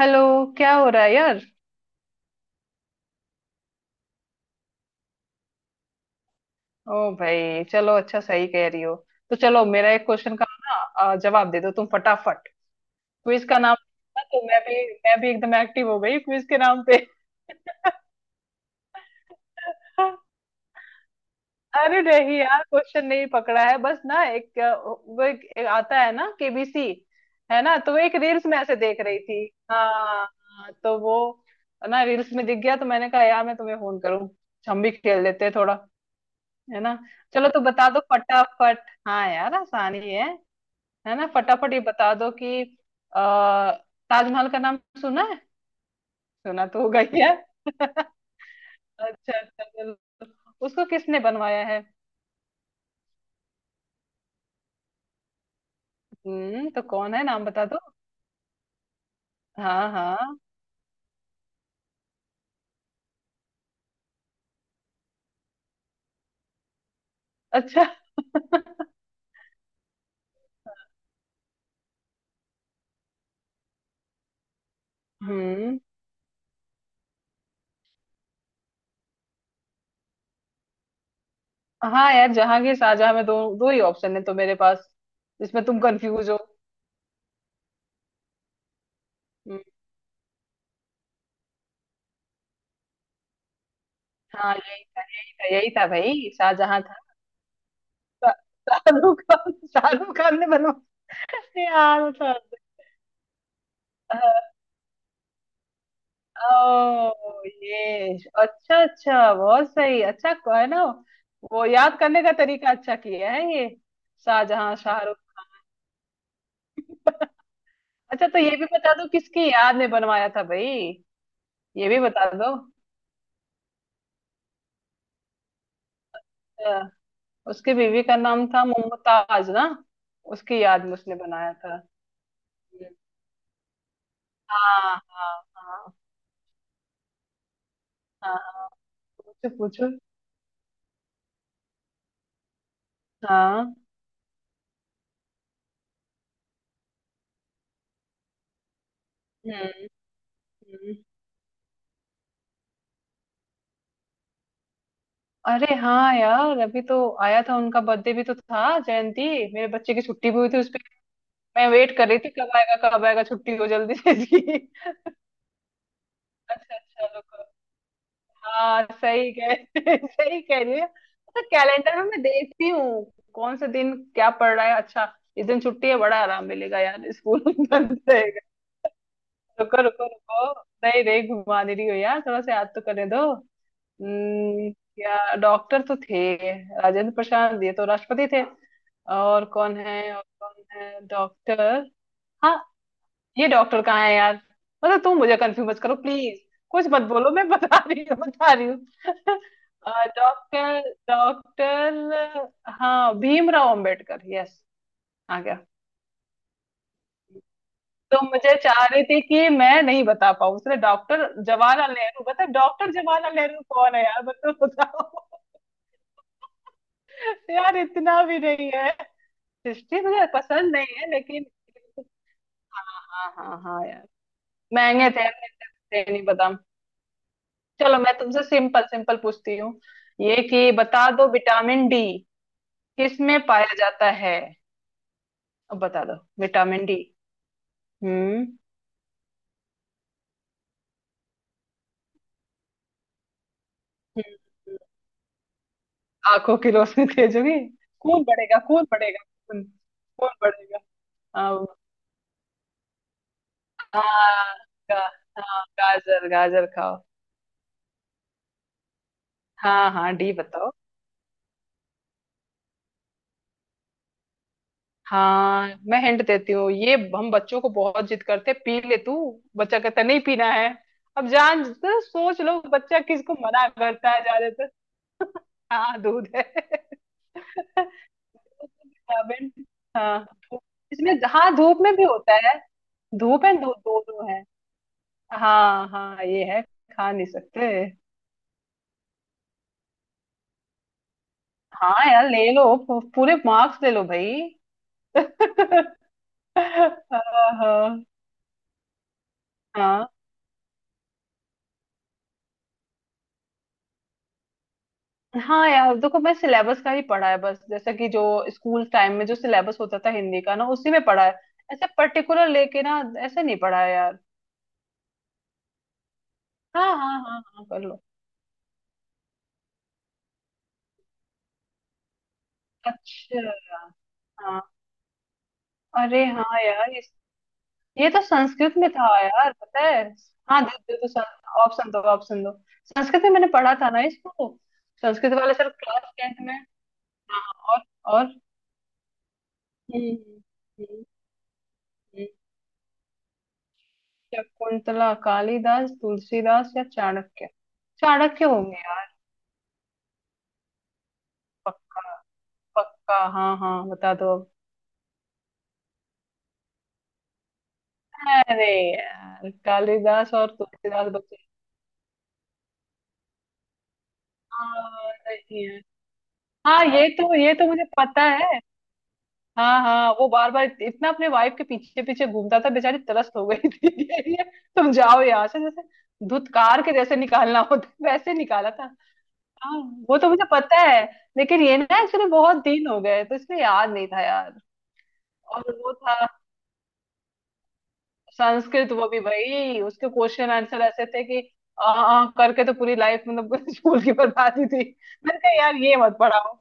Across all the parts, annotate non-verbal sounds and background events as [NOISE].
Hello. क्या हो रहा है यार? ओ भाई चलो, अच्छा सही कह रही हो। तो चलो, मेरा एक क्वेश्चन का ना जवाब दे दो तुम फटाफट। क्विज का नाम था तो मैं भी एकदम एक्टिव हो गई क्विज के नाम पे। [LAUGHS] अरे नहीं यार, क्वेश्चन नहीं पकड़ा है, बस ना एक वो एक आता है ना, केबीसी। है ना, तो वो एक रील्स में ऐसे देख रही थी। हाँ हाँ, तो वो ना रील्स में दिख गया तो मैंने कहा यार मैं तुम्हें फोन करूं, हम भी खेल लेते हैं थोड़ा। है ना, चलो तो बता दो फटाफट। हाँ यार, आसानी है। है ना? फटाफट ये बता दो कि आ, ताजमहल का नाम सुना है? सुना तो होगा ही यार। [LAUGHS] अच्छा अच्छा, चलो, उसको किसने बनवाया है? हम्म, तो कौन है, नाम बता दो। हाँ हाँ। अच्छा। [LAUGHS] हम्म। हाँ यार, जहांगीर शाहजहां में दो दो ही ऑप्शन है तो मेरे पास, इसमें तुम कंफ्यूज हो? हम्म। हाँ, ये यही था भाई, शाहजहां था। शा- शाहरुख खान, शाहरुख खान ने बनवाया। [LAUGHS] यार, मतलब। ओ ये, अच्छा अच्छा, बहुत सही। अच्छा, है ना, वो याद करने का तरीका अच्छा किया है ये। शाहजहां शाहरुख। अच्छा, तो ये भी बता दो किसकी याद में बनवाया था भाई, ये भी बता दो। अ, उसकी बीवी का नाम था मुमताज ना, उसकी याद में उसने बनाया था। हम्म। हाँ हाँ हाँ हाँ। हाँ, पूछो पूछो। हाँ। हम्म। हम्म। अरे हाँ यार, अभी तो आया था, उनका बर्थडे भी तो था, जयंती। मेरे बच्चे की छुट्टी भी हुई थी उस पे। मैं वेट कर रही थी कब आएगा, कब आएगा छुट्टी, हो जल्दी से इसकी। [LAUGHS] अच्छा अच्छा रुको। हाँ, सही कह [LAUGHS] सही कह रही है। तो कैलेंडर में मैं देखती हूँ कौन से दिन क्या पड़ रहा है। अच्छा, इस दिन छुट्टी है, बड़ा आराम मिलेगा यार, स्कूल [LAUGHS] बंद रहेगा। रुको रुको रुको, नहीं नहीं, घुमा दे रही हो यार, थोड़ा सा याद तो करने दो। हम्म, क्या डॉक्टर तो थे। राजेंद्र प्रसाद, ये तो राष्ट्रपति थे। और कौन है, और कौन है डॉक्टर? हाँ। ये डॉक्टर कहाँ है यार? मतलब तुम मुझे कंफ्यूज मत करो प्लीज। कुछ मत बोलो, मैं बता रही हूँ बता रही हूँ। [LAUGHS] डॉक्टर, डॉक्टर, हाँ भीमराव अंबेडकर, यस। आ गया। तो मुझे चाह रही थी कि मैं नहीं बता पाऊँ, उसने डॉक्टर जवाहरलाल नेहरू बता। डॉक्टर जवाहरलाल नेहरू कौन है यार? मतलब बताओ। [LAUGHS] यार, इतना भी नहीं है। हिस्ट्री मुझे पसंद नहीं है, लेकिन हाँ हाँ हाँ हाँ हाँ, यार। महंगे थे, मुझे नहीं पता। चलो, मैं तुमसे सिंपल सिंपल पूछती हूँ, ये कि बता दो विटामिन डी किस में पाया जाता है, अब बता दो। Vitamin D. हम्म। हम्म, आंखों की रोशनी तेज होगी, खून बढ़ेगा खून बढ़ेगा खून। खून बढ़ेगा। हाँ हाँ। गा- हाँ, गाजर गाजर खाओ। हाँ हाँ, डी बताओ। हाँ, मैं हिंट देती हूँ, ये हम बच्चों को बहुत जिद करते हैं, पी ले तू। बच्चा कहता है, नहीं पीना है। अब जान तो सोच लो, बच्चा किसको मना करता है ज्यादातर। हाँ, दूध है। [LAUGHS] विटामिन। हाँ, इसमें हाँ, धूप में भी होता है। धूप है, दूध, दोनों है। हाँ हाँ, ये है, खा नहीं सकते। हाँ यार, ले लो, पूरे मार्क्स ले लो भाई। [LAUGHS] हाँ। हाँ हाँ यार, देखो मैं सिलेबस का ही पढ़ा है बस, जैसा कि जो स्कूल टाइम में जो सिलेबस होता था हिंदी का ना, उसी में पढ़ा है। ऐसे पर्टिकुलर लेके ना ऐसे नहीं पढ़ा है यार। हाँ हाँ हाँ हाँ, कर लो। अच्छा, हाँ। अरे हाँ यार ये तो संस्कृत में था यार, पता है। हाँ, दे दे तो, ऑप्शन दो, ऑप्शन दो। संस्कृत में मैंने पढ़ा था ना इसको, संस्कृत वाले सर, क्लास 10 में। हाँ। और, हम्म, हम्म, हम्म, शकुंतला, कालिदास, तुलसीदास या चाणक्य। चाणक्य होंगे यार। पक्का, पक्का हाँ हाँ बता दो अब। अरे यार, कालिदास और तुलसीदास बच्चे। हाँ नहीं यार, हाँ ये तो, ये तो मुझे पता है। हाँ हाँ, वो बार बार इतना अपने वाइफ के पीछे पीछे घूमता था, बेचारी तरस हो गई थी। [LAUGHS] तुम जाओ यहाँ से, जैसे धुतकार के जैसे निकालना होता है, वैसे निकाला था। हाँ, वो तो मुझे पता है, लेकिन ये ना एक्चुअली बहुत दिन हो गए तो इसलिए याद नहीं था यार। और वो था संस्कृत, वो भी भाई, उसके क्वेश्चन आंसर ऐसे थे कि आ, आ, करके तो पूरी लाइफ, मतलब [LAUGHS] स्कूल की बर्बादी थी। मैंने कहा यार ये मत पढ़ाओ।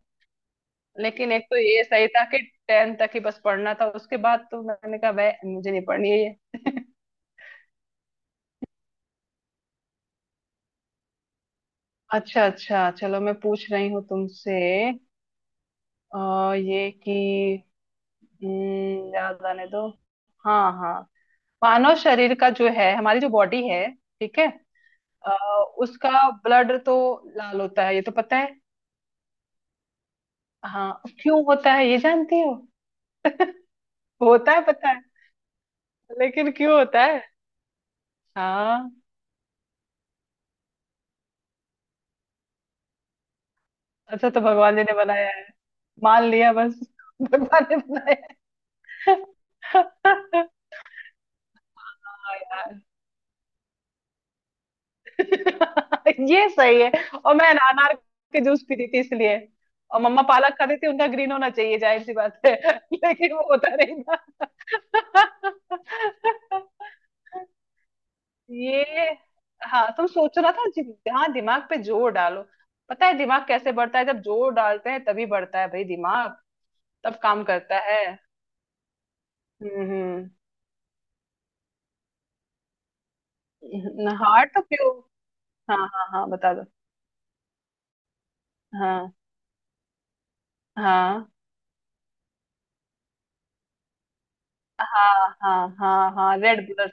लेकिन एक तो ये सही था कि 10 तक ही बस पढ़ना था, उसके बाद तो मैंने कहा वह मुझे नहीं पढ़नी है ये। अच्छा अच्छा, चलो मैं पूछ रही हूँ तुमसे। ये कि, याद आने दो। हाँ हाँ। मानव शरीर का जो है, हमारी जो बॉडी है, ठीक है, अ, उसका ब्लड तो लाल होता है, ये तो पता है। हाँ, क्यों होता है ये जानती हो? होता है पता है, लेकिन क्यों होता है। हाँ। अच्छा, तो भगवान जी ने बनाया है, मान लिया बस। [LAUGHS] भगवान ने बनाया है। हाँ यार, [LAUGHS] ये सही है। और मैं अनार के जूस पीती थी, इसलिए। और मम्मा पालक खाती थी, उनका ग्रीन होना चाहिए, जाहिर सी बात है। [LAUGHS] लेकिन वो होता नहीं था। [LAUGHS] ये हाँ, तुम सोच रहा था जि- हाँ दिमाग पे जोर डालो। पता है दिमाग कैसे बढ़ता है, जब जोर डालते हैं तभी बढ़ता है भाई, दिमाग तब काम करता है। हम्म। हम्म। हार्ट तो प्योर, हाँ हाँ हाँ बता दो। हाँ हाँ हाँ हाँ हाँ हाँ रेड ब्लड।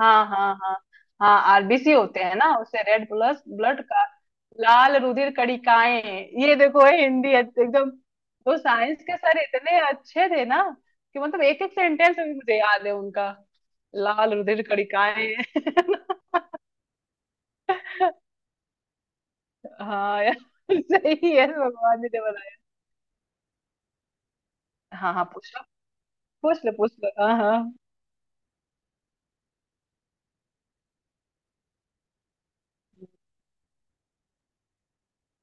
हाँ हाँ हाँ हाँ, आरबीसी होते हैं ना, उसे रेड ब्लड, ब्लड का। लाल रुधिर कणिकाएं। ये देखो ये हिंदी एकदम। वो साइंस के सर इतने अच्छे थे ना कि मतलब एक एक सेंटेंस भी मुझे याद है उनका। लाल रुधिर कणिकाएं। [LAUGHS] हाँ यार, सही है, भगवान जी ने बनाया। हाँ हाँ पूछ लो, पूछ लो पूछ लो हाँ हाँ।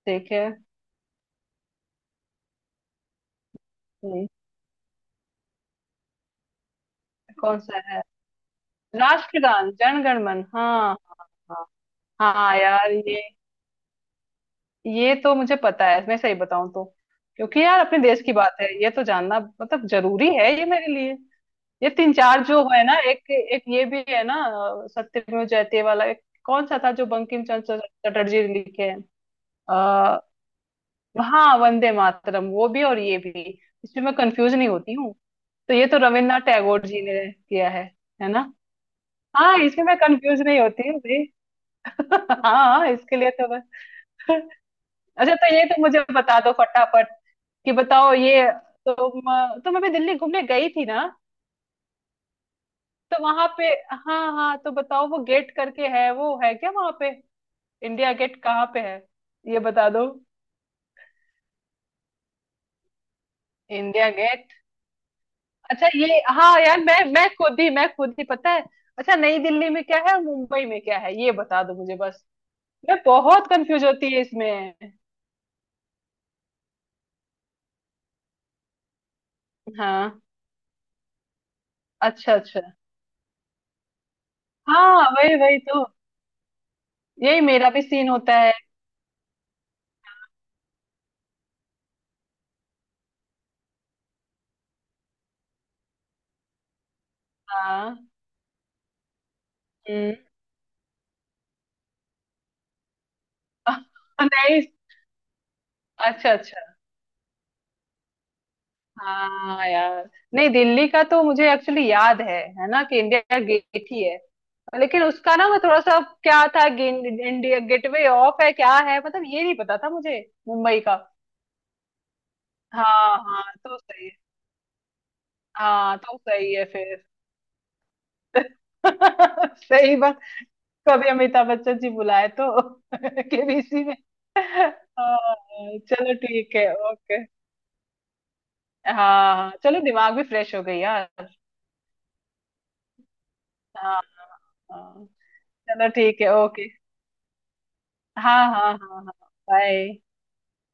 ठीक है। हम्म, कौन सा है? राष्ट्रगान, जनगण मन। हाँ। हाँ हाँ यार, ये तो मुझे पता है, मैं सही बताऊं तो, क्योंकि यार अपने देश की बात है, ये तो जानना मतलब जरूरी है ये मेरे लिए। ये तीन चार जो है ना, एक एक ये भी है ना, सत्यमेव जयते वाला एक कौन सा था, जो बंकिम चंद्र चटर्जी ने लिखे हैं। आ, हाँ, वंदे मातरम वो भी और ये भी, इसमें मैं कंफ्यूज नहीं होती हूँ। तो ये तो रविन्द्रनाथ टैगोर जी ने किया है। है ना? हाँ, इसमें मैं कंफ्यूज नहीं होती हूँ भाई। [LAUGHS] हाँ हाँ, इसके लिए तो बस। अच्छा, तो ये तो मुझे बता दो फटाफट कि बताओ ये। तुम तुम अभी दिल्ली घूमने गई थी ना, तो वहां पे, हाँ हाँ तो बताओ, वो गेट करके है वो, है क्या वहां पे, इंडिया गेट कहाँ पे है, ये बता दो। India Gate. अच्छा ये हाँ यार, मैं खुद ही, मैं खुद ही पता है। अच्छा, नई दिल्ली में क्या है और मुंबई में क्या है, ये बता दो मुझे बस। मैं बहुत कंफ्यूज होती है इसमें। हाँ। अच्छा अच्छा। हाँ वही, वही तो, यही मेरा भी सीन होता है। हाँ। हम्म। [LAUGHS] नहीं। अच्छा अच्छा, हाँ यार, नहीं दिल्ली का तो मुझे एक्चुअली याद है ना, कि इंडिया गेट ही है। लेकिन उसका ना, मैं थोड़ा सा, क्या था, इंडिया गेटवे ऑफ है, क्या है, मतलब ये नहीं पता था मुझे। मुंबई का? हाँ हाँ तो सही है। हाँ तो सही है फिर। [LAUGHS] सही बात। कभी अमिताभ बच्चन जी बुलाए तो [LAUGHS] केबीसी में। हाँ, चलो ठीक है, ओके। हाँ हाँ, चलो, दिमाग भी फ्रेश हो गई यार। हाँ। हाँ, चलो ठीक है, ओके। हाँ हाँ हाँ हाँ, बाय।